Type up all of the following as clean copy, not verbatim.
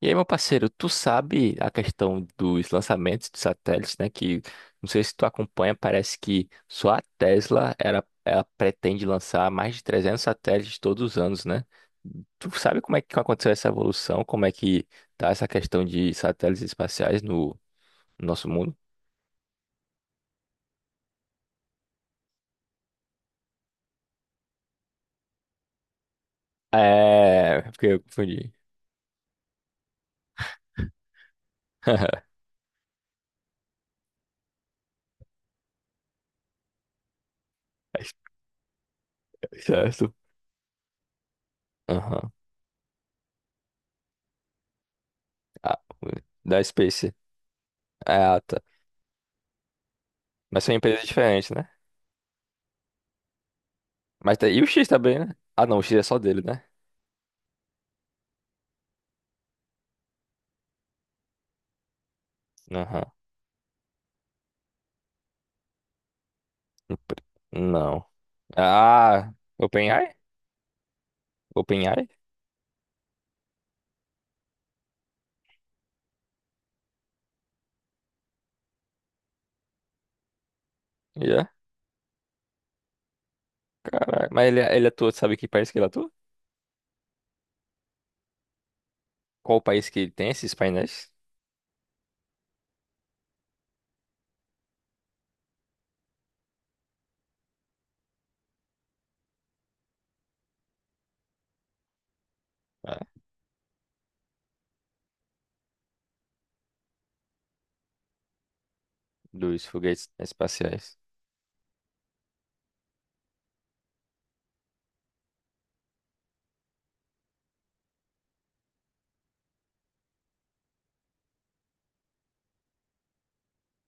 E aí, meu parceiro, tu sabe a questão dos lançamentos de satélites, né? Que não sei se tu acompanha, parece que só a Tesla era, ela pretende lançar mais de 300 satélites todos os anos, né? Tu sabe como é que aconteceu essa evolução? Como é que tá essa questão de satélites espaciais no nosso mundo? É, porque eu confundi. Certo. Aham. Ah, da Space. Ah, tá. Mas são empresas diferentes, né? Mas tá- e o X também, né? Ah, não, o X é só dele, né? Aham. Empre- Não. Ah, OpenAI? OpenAI? Yeah, caralho. Mas ele é atua, sabe que país que ele atua? Qual o país que ele tem esses painéis? Ah, dos foguetes espaciais.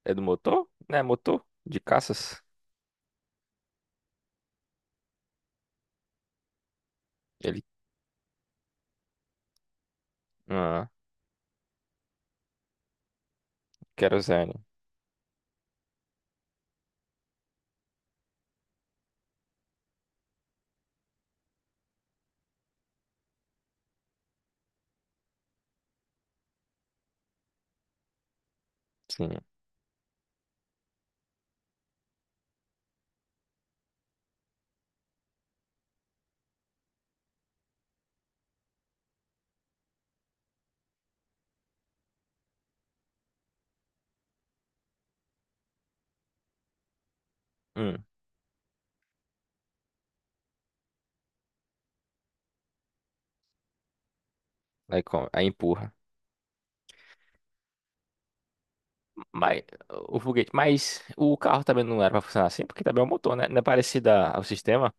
É do motor? Né, motor? De caças? Ele. Ah, querosene. Sim. Hum. Aí, como? Aí empurra. Mas o foguete. Mas o carro também não era pra funcionar assim, porque também é o motor, né? Não é parecido ao sistema?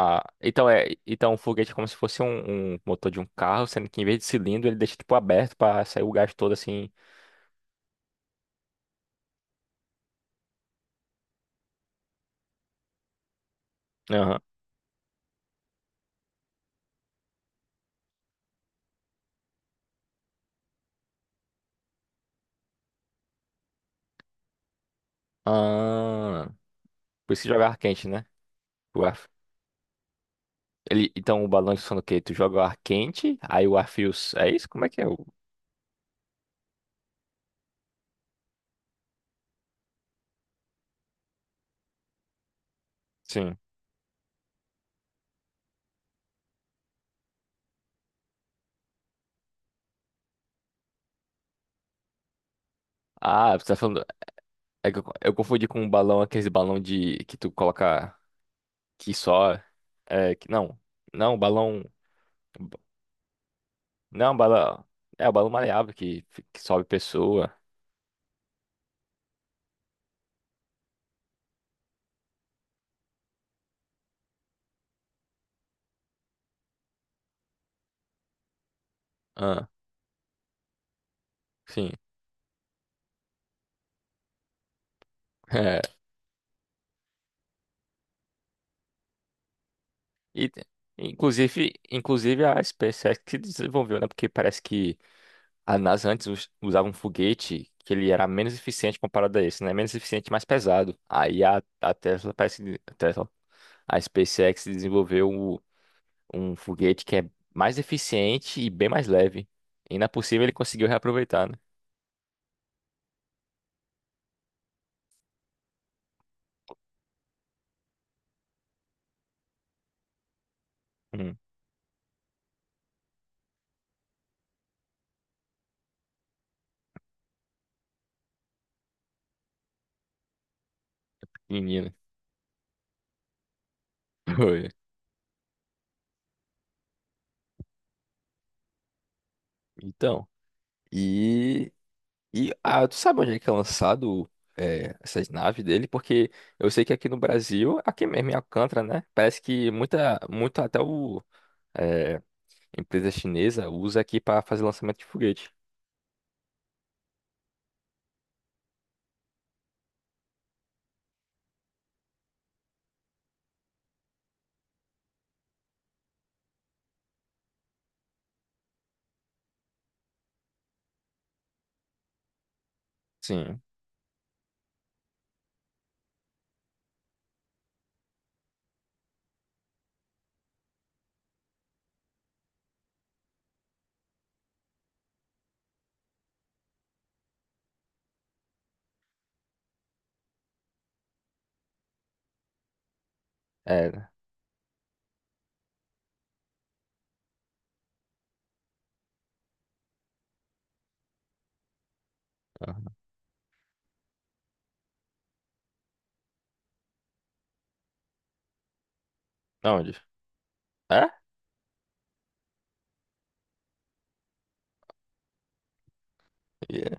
Ah, então é, então o foguete é como se fosse um motor de um carro, sendo que em vez de cilindro ele deixa tipo aberto pra sair o gás todo assim. Aham. Ah, por isso que joga ar quente, né? O ar... Ele, então o balão de funciona o quê? Tu joga o ar quente, aí o ar frio. É isso? Como é que é? Sim. Ah, você tá falando. É que eu confundi com um balão, aqueles balão de que tu coloca que só. É, que, não, não, balão. Não, balão. É o balão maleável que sobe pessoa. Ah, sim. E, inclusive a SpaceX que desenvolveu, né? Porque parece que a NASA antes usava um foguete que ele era menos eficiente comparado a esse, né? Menos eficiente, e mais pesado. Aí a Tesla parece que a Tesla, a SpaceX desenvolveu um foguete que é mais eficiente e bem mais leve. E na possível ele conseguiu reaproveitar, né? Hum, menino. Foi. Então. E E ah, tu sabe onde é que é lançado é, essas naves dele? Porque eu sei que aqui no Brasil, aqui mesmo em Alcântara, né? Parece que muita, muito até o é, empresa chinesa usa aqui para fazer lançamento de foguete. Sim. É. ah, Onde? É? Yeah.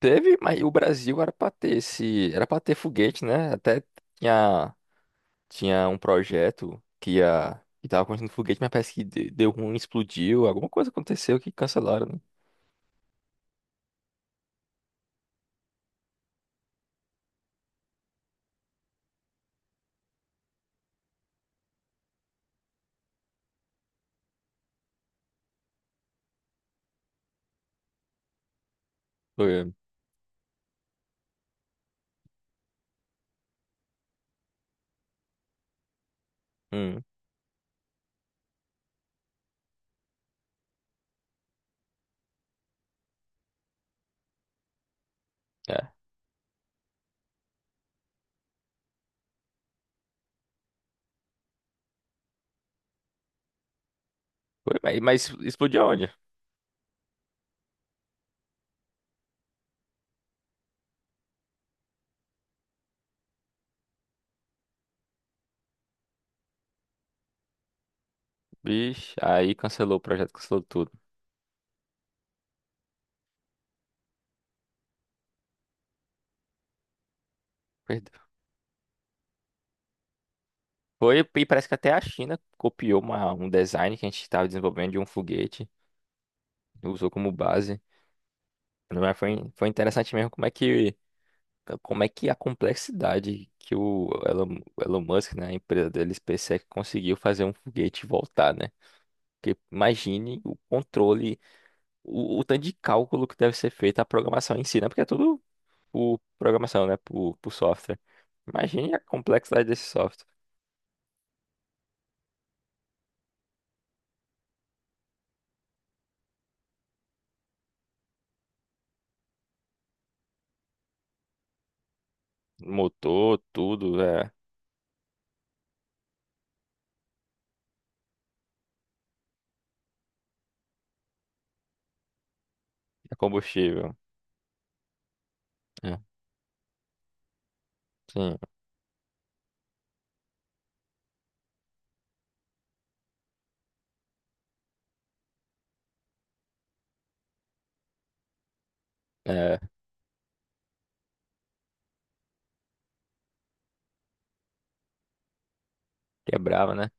Teve, mas o Brasil era para ter esse, era para ter foguete, né? Até tinha tinha um projeto que ia que tava construindo foguete, mas parece que deu ruim, explodiu, alguma coisa aconteceu que cancelaram, né? Foi, hum, é. Foi, mas explodiu onde? Vixe, aí cancelou o projeto, cancelou tudo. Perdeu. Foi, e parece que até a China copiou um design que a gente estava desenvolvendo de um foguete, usou como base. Né? Mas foi, foi interessante mesmo como é que a complexidade que o Elon Musk, né, a empresa dele, SpaceX, conseguiu fazer um foguete voltar, né? Porque imagine o controle, o tanto de cálculo que deve ser feito a programação em si, né? Porque é tudo por programação, né? Por software. Imagine a complexidade desse software. Motor, tudo, é, é combustível. É, sim, é, quebrava, né?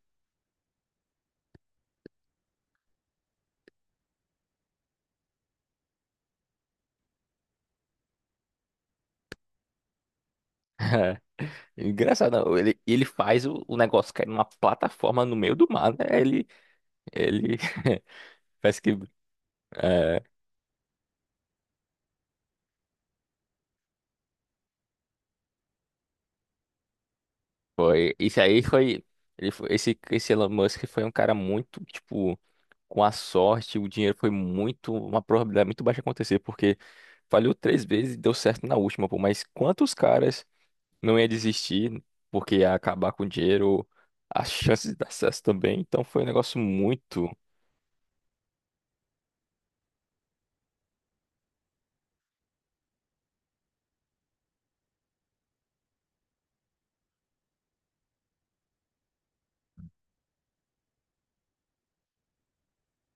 É. Engraçado, não, ele faz o negócio cair numa plataforma no meio do mar, né? Ele parece que é, Foi, isso aí foi, esse, esse Elon Musk foi um cara muito, tipo, com a sorte, o dinheiro foi muito, uma probabilidade muito baixa de acontecer, porque falhou 3 vezes e deu certo na última, pô, mas quantos caras não ia desistir porque ia acabar com o dinheiro, as chances de dar certo também, então foi um negócio muito,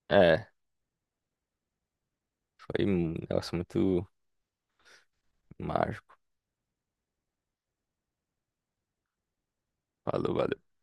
é, foi um negócio muito mágico, falou, valeu.